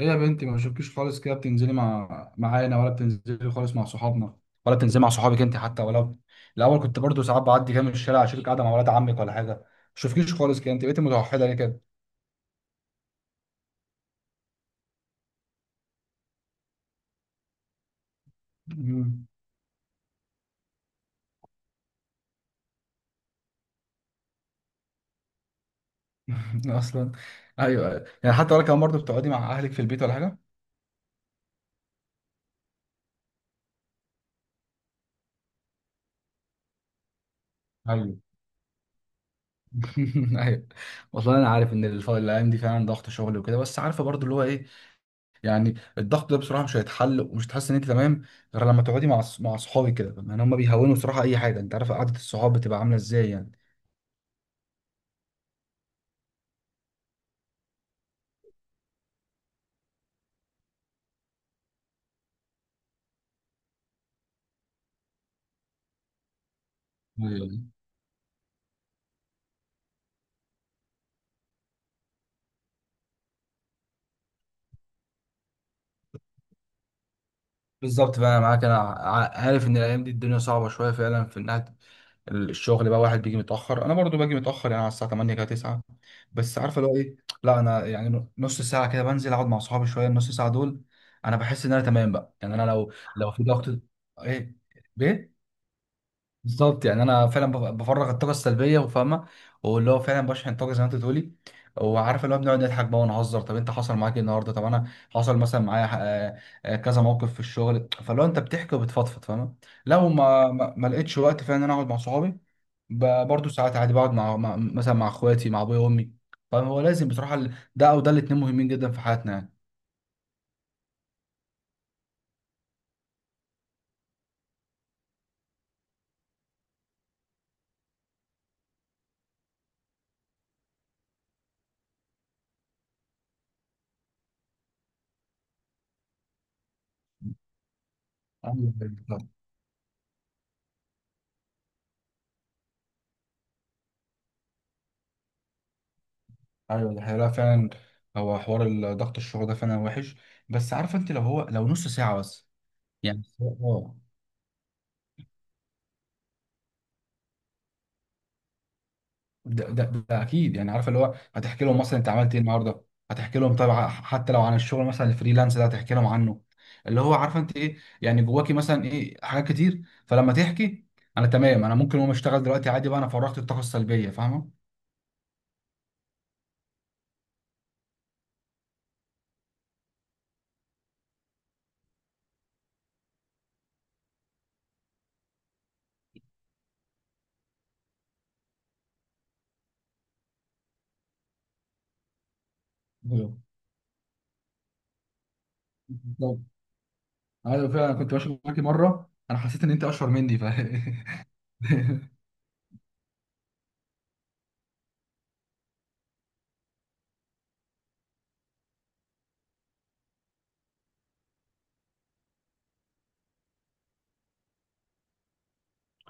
ايه يا بنتي، ما بشوفكيش خالص كده. بتنزلي معانا ولا بتنزلي خالص مع صحابنا ولا بتنزلي مع صحابك انت حتى؟ ولا الاول كنت برضو ساعات بعدي كده من الشارع اشوفك قاعده مع ولاد عمك ولا حاجه. ما بشوفكيش خالص كده، انت بقيتي متوحده ليه كده؟ مم. اصلا ايوه يعني، حتى ولا كمان برضو بتقعدي مع اهلك في البيت ولا حاجه؟ ايوه ايوه. والله انا عارف ان الايام دي فعلا ضغط شغل وكده، بس عارفه برضو اللي هو ايه. يعني الضغط ده بصراحه مش هيتحل ومش هتحس ان انت تمام غير لما تقعدي مع مع اصحابي كده، يعني هم بيهونوا بصراحه اي حاجه. انت عارف قعده الصحاب بتبقى عامله ازاي يعني. ايوه، بالظبط بقى، انا معاك. انا عارف ان الايام دي الدنيا صعبه شويه فعلا في انها الشغل بقى. واحد بيجي متاخر، انا برضو باجي متاخر يعني على الساعه 8 كده 9، بس عارفه اللي هو ايه. لا انا يعني نص ساعه كده بنزل اقعد مع اصحابي شويه، النص ساعه دول انا بحس ان انا تمام بقى. يعني انا لو لو في ضغط، ايه، بيه، بالظبط. يعني انا فعلا بفرغ الطاقه السلبيه، وفاهمه واللي هو فعلا بشحن طاقه زي ما انت بتقولي. وعارف اللي هو بنقعد نضحك بقى ونهزر. طب انت حصل معاك ايه النهارده؟ طب انا حصل مثلا معايا آه، كذا موقف في الشغل. فلو انت بتحكي وبتفضفض فاهمه. لو ما لقيتش وقت فعلا ان انا اقعد مع صحابي، برضه ساعات عادي بقعد مع مثلا مع اخواتي، مع ابويا وامي. فهو لازم بصراحه ده او ده، الاتنين مهمين جدا في حياتنا يعني. أيوة، بالظبط. ايوه دي حقيقة، لا فعلا. هو حوار ضغط الشغل ده فعلا وحش، بس عارفه انت لو هو لو نص ساعه بس. يعني اه. ده, ده, ده اكيد يعني. عارفه اللي هو هتحكي لهم مثلا انت عملت ايه النهارده، هتحكي لهم طبعا حتى لو عن الشغل، مثلا الفريلانس ده هتحكي لهم عنه. اللي هو عارفه انت ايه يعني جواكي، مثلا ايه، حاجات كتير. فلما تحكي انا تمام، انا ممكن اقوم اشتغل دلوقتي عادي بقى، انا فرغت الطاقه السلبيه فاهمه. ايوه بالظبط. ايوه فعلا، كنت ماشي معاكي مره انا حسيت ان انت اشهر مني ف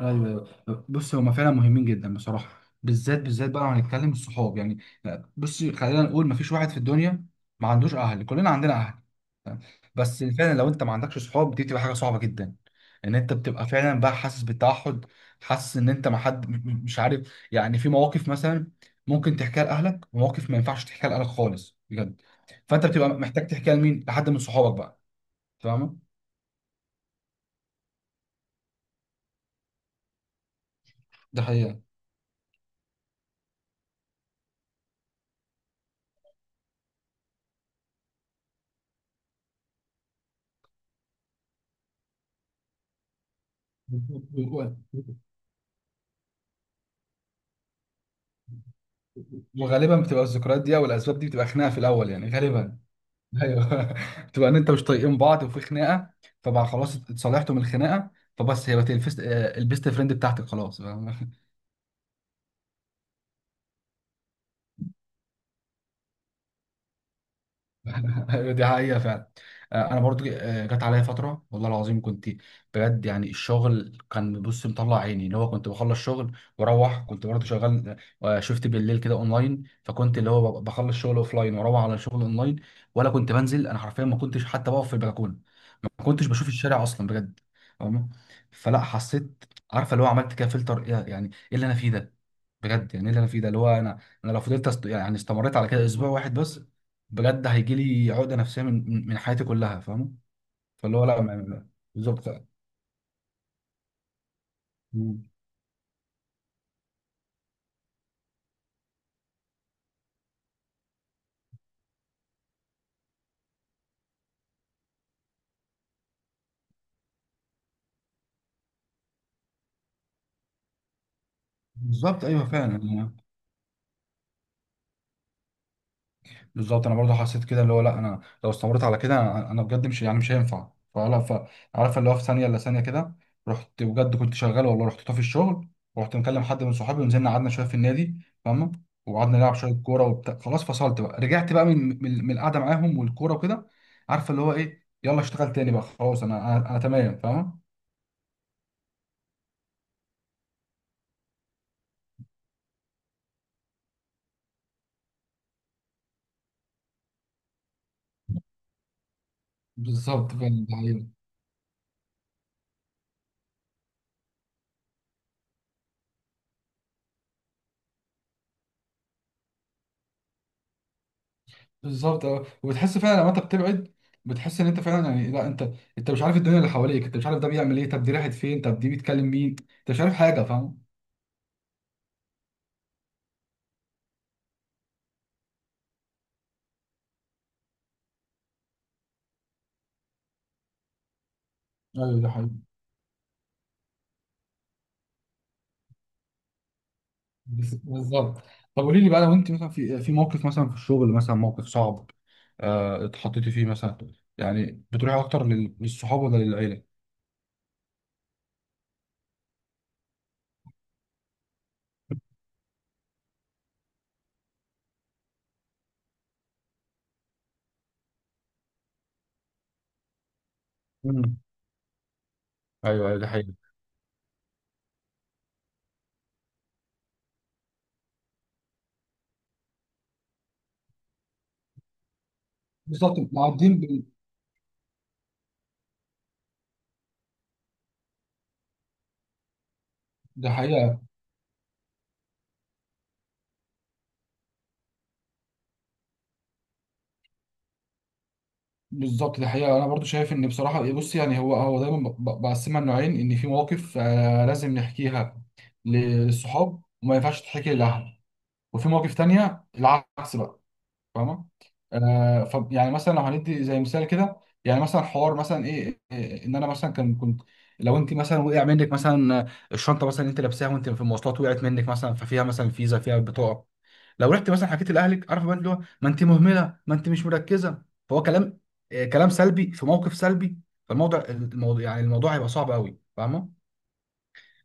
ايوه. أيوة. بص هما فعلا مهمين جدا بصراحه، بالذات بالذات بقى لو هنتكلم الصحاب يعني. بص خلينا نقول مفيش واحد في الدنيا ما عندوش اهل، كلنا عندنا اهل، تمام؟ بس فعلا لو انت ما عندكش صحاب، دي بتبقى حاجه صعبه جدا. ان انت بتبقى فعلا بقى حاسس بالتوحد، حاسس ان انت ما حد مش عارف يعني. في مواقف مثلا ممكن تحكيها لاهلك، ومواقف ما ينفعش تحكيها لاهلك خالص بجد. فانت بتبقى محتاج تحكيها لمين؟ لحد من صحابك بقى، فاهمه. ده حقيقه. وغالبا بتبقى الذكريات دي او الاسباب دي بتبقى خناقه في الاول يعني غالبا. ايوه بتبقى ان انت مش طايقين بعض وفي خناقه، فبقى خلاص اتصالحتوا من الخناقه. فبس هي بقت آه، البيست فريند بتاعتك خلاص فاهم؟ ايوه دي حقيقة فعلا. آه، انا برضو آه، جت عليا فترة والله العظيم كنت بجد يعني. الشغل كان، بص، مطلع عيني. اللي هو كنت بخلص شغل واروح كنت برضو شغال، آه، شفت بالليل كده اونلاين. فكنت اللي هو بخلص شغل اوفلاين واروح على شغل اونلاين. ولا كنت بنزل، انا حرفيا ما كنتش حتى بقف في البلكونة، ما كنتش بشوف الشارع اصلا بجد، فاهمة؟ فلا حسيت، عارفة اللي هو عملت كده فلتر ايه يعني ايه اللي انا فيه ده. بجد يعني ايه اللي انا فيه ده. اللي هو انا، يعني استمريت على كده اسبوع واحد بس بجد هيجي لي عقده نفسيه من حياتي كلها، فاهمه. فاللي هو لا بالظبط. بالظبط. ايوه فعلا بالظبط. انا برضه حسيت كده اللي هو لا، انا لو استمريت على كده أنا بجد مش يعني مش هينفع. فلا، فعارف اللي هو في ثانيه الا ثانيه كده رحت، بجد كنت شغال والله، رحت طافي الشغل ورحت مكلم حد من صحابي، ونزلنا قعدنا شويه في النادي فاهمه. وقعدنا نلعب شويه كوره وبتاع، خلاص فصلت بقى، رجعت بقى من القعده معاهم والكوره وكده. عارفه اللي هو ايه، يلا اشتغل تاني بقى خلاص، انا أنا تمام، فاهمه. بالظبط فعلا. بالظبط، اه. وبتحس فعلا لما انت بتبعد، بتحس ان انت فعلا يعني لا انت، انت مش عارف الدنيا اللي حواليك، انت مش عارف ده بيعمل ايه، طب دي راحت فين، طب دي بيتكلم مين، انت مش عارف حاجه، فاهم. ايوه ده حقيقي. بالظبط. طب قولي لي بقى، لو انت مثلا في موقف مثلا في الشغل، مثلا موقف صعب آه، اتحطيتي فيه مثلا، يعني بتروحي اكتر للصحاب ولا للعيله؟ مم. ايوه ايوه ده حقيقي. بالظبط، معدين ده حقيقة. بالظبط، دي حقيقة. أنا برضو شايف إن بصراحة، بص يعني هو هو دايما بقسمها لنوعين، إن في مواقف آه، لازم نحكيها للصحاب وما ينفعش تتحكي للأهل، وفي مواقف تانية العكس بقى، فاهمة؟ آه، ف يعني مثلا لو هندي زي مثال كده، يعني مثلا حوار مثلا إيه، إن أنا مثلا كان كنت، لو أنت مثلا وقع منك مثلا آه، الشنطة مثلا. أنت لابساها وأنت في المواصلات وقعت منك، مثلا ففيها مثلا فيزا، فيها بطاقة. لو رحت مثلا حكيت لاهلك، عارف بقى اللي هو ما انت مهمله، ما انت مش مركزه، فهو كلام آه، كلام سلبي في موقف سلبي. فالموضوع يعني الموضوع هيبقى صعب قوي، فاهمه.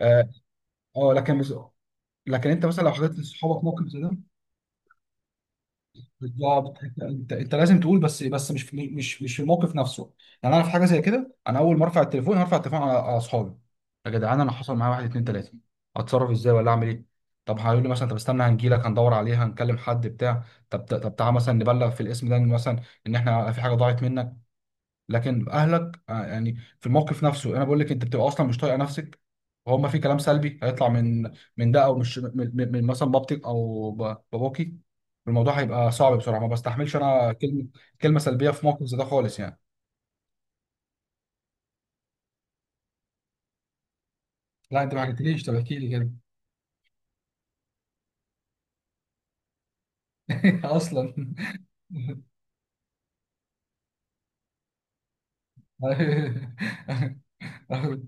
اه، آه، لكن بس، لكن انت مثلا لو حطيت صحابك موقف زي ده، بالظبط. انت لازم تقول بس، مش في الموقف نفسه. يعني انا في حاجه زي كده انا اول ما ارفع التليفون هرفع التليفون على اصحابي، يا جدعان انا حصل معايا واحد اتنين تلاته، اتصرف ازاي ولا اعمل ايه؟ طب هيقول لي مثلا طب استنى هنجيلك هندور عليها هنكلم حد بتاع. طب تعالى مثلا نبلغ في الاسم ده إن مثلا ان احنا في حاجه ضاعت منك. لكن اهلك آه، يعني في الموقف نفسه انا بقول لك، انت بتبقى اصلا مش طايقه نفسك، وهو ما في كلام سلبي هيطلع من من ده او مش من, من من مثلا بابتك او باباكي. الموضوع هيبقى صعب بصراحه، ما بستحملش انا كلمه، كلمه سلبيه في موقف زي ده خالص يعني. لا انت ما حكيتليش، طب احكي لي كده. اصلا. أيوه. أيوه.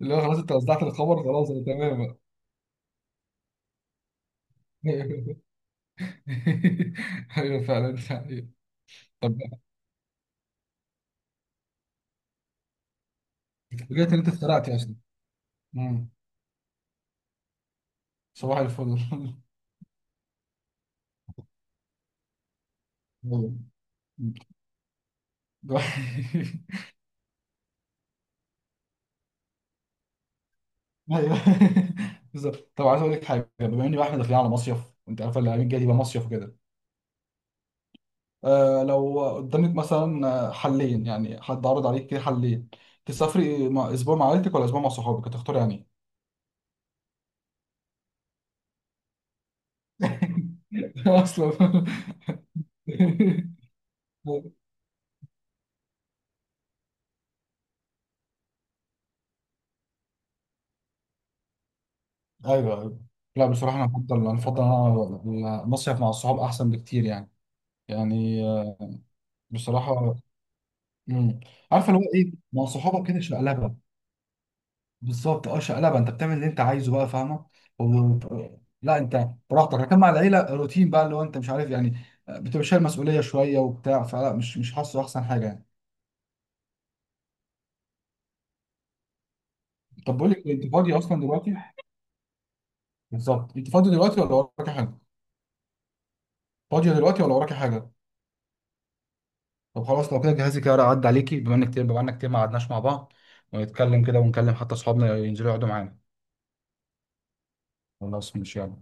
اللي هو خلاص انت وزعت الخبر، خلاص انا تمام بقى. ايوه فعلا أيوة. طب رجعت ان انت اتخرقت اصلا. مم. صباح الفل ايوه ده- ايوه بالظبط. طب عايز اقول لك حاجه، بما ان بقى احنا داخلين على مصيف وانت عارفه اللي الجاي دي بقى مصيف وكده، آه لو قدامك مثلا آه، حلين يعني، حد عرض عليك كده حلين تسافري مع اسبوع مع عيلتك ولا اسبوع مع صحابك، هتختاري يعني إيه؟ اصلا ايوه ايوه. لا بصراحه انا افضل، انا افضل المصيف مع الصحاب احسن بكتير يعني، يعني آه، بصراحه. امم، عارفه اللي هو ايه، مع صحابك كده شقلبه. بالظبط اه، شقلبه، انت بتعمل اللي انت عايزه بقى فاهمه. و... لا انت براحتك، لكن مع العيله روتين بقى، اللي هو انت مش عارف يعني، بتبقى شايل مسؤوليه شويه وبتاع، فلا مش حاسه احسن حاجه يعني. طب بقول لك إيه، انت فاضي اصلا دلوقتي؟ بالظبط، انت فاضي دلوقتي ولا وراكي حاجه؟ فاضيه دلوقتي ولا وراكي حاجه؟ طب خلاص لو كده جهزي كده اعدي عليكي، بما انك كتير بما انك كتير ما قعدناش مع بعض، ونتكلم كده، ونكلم حتى اصحابنا ينزلوا يقعدوا معانا. خلاص مش يلا.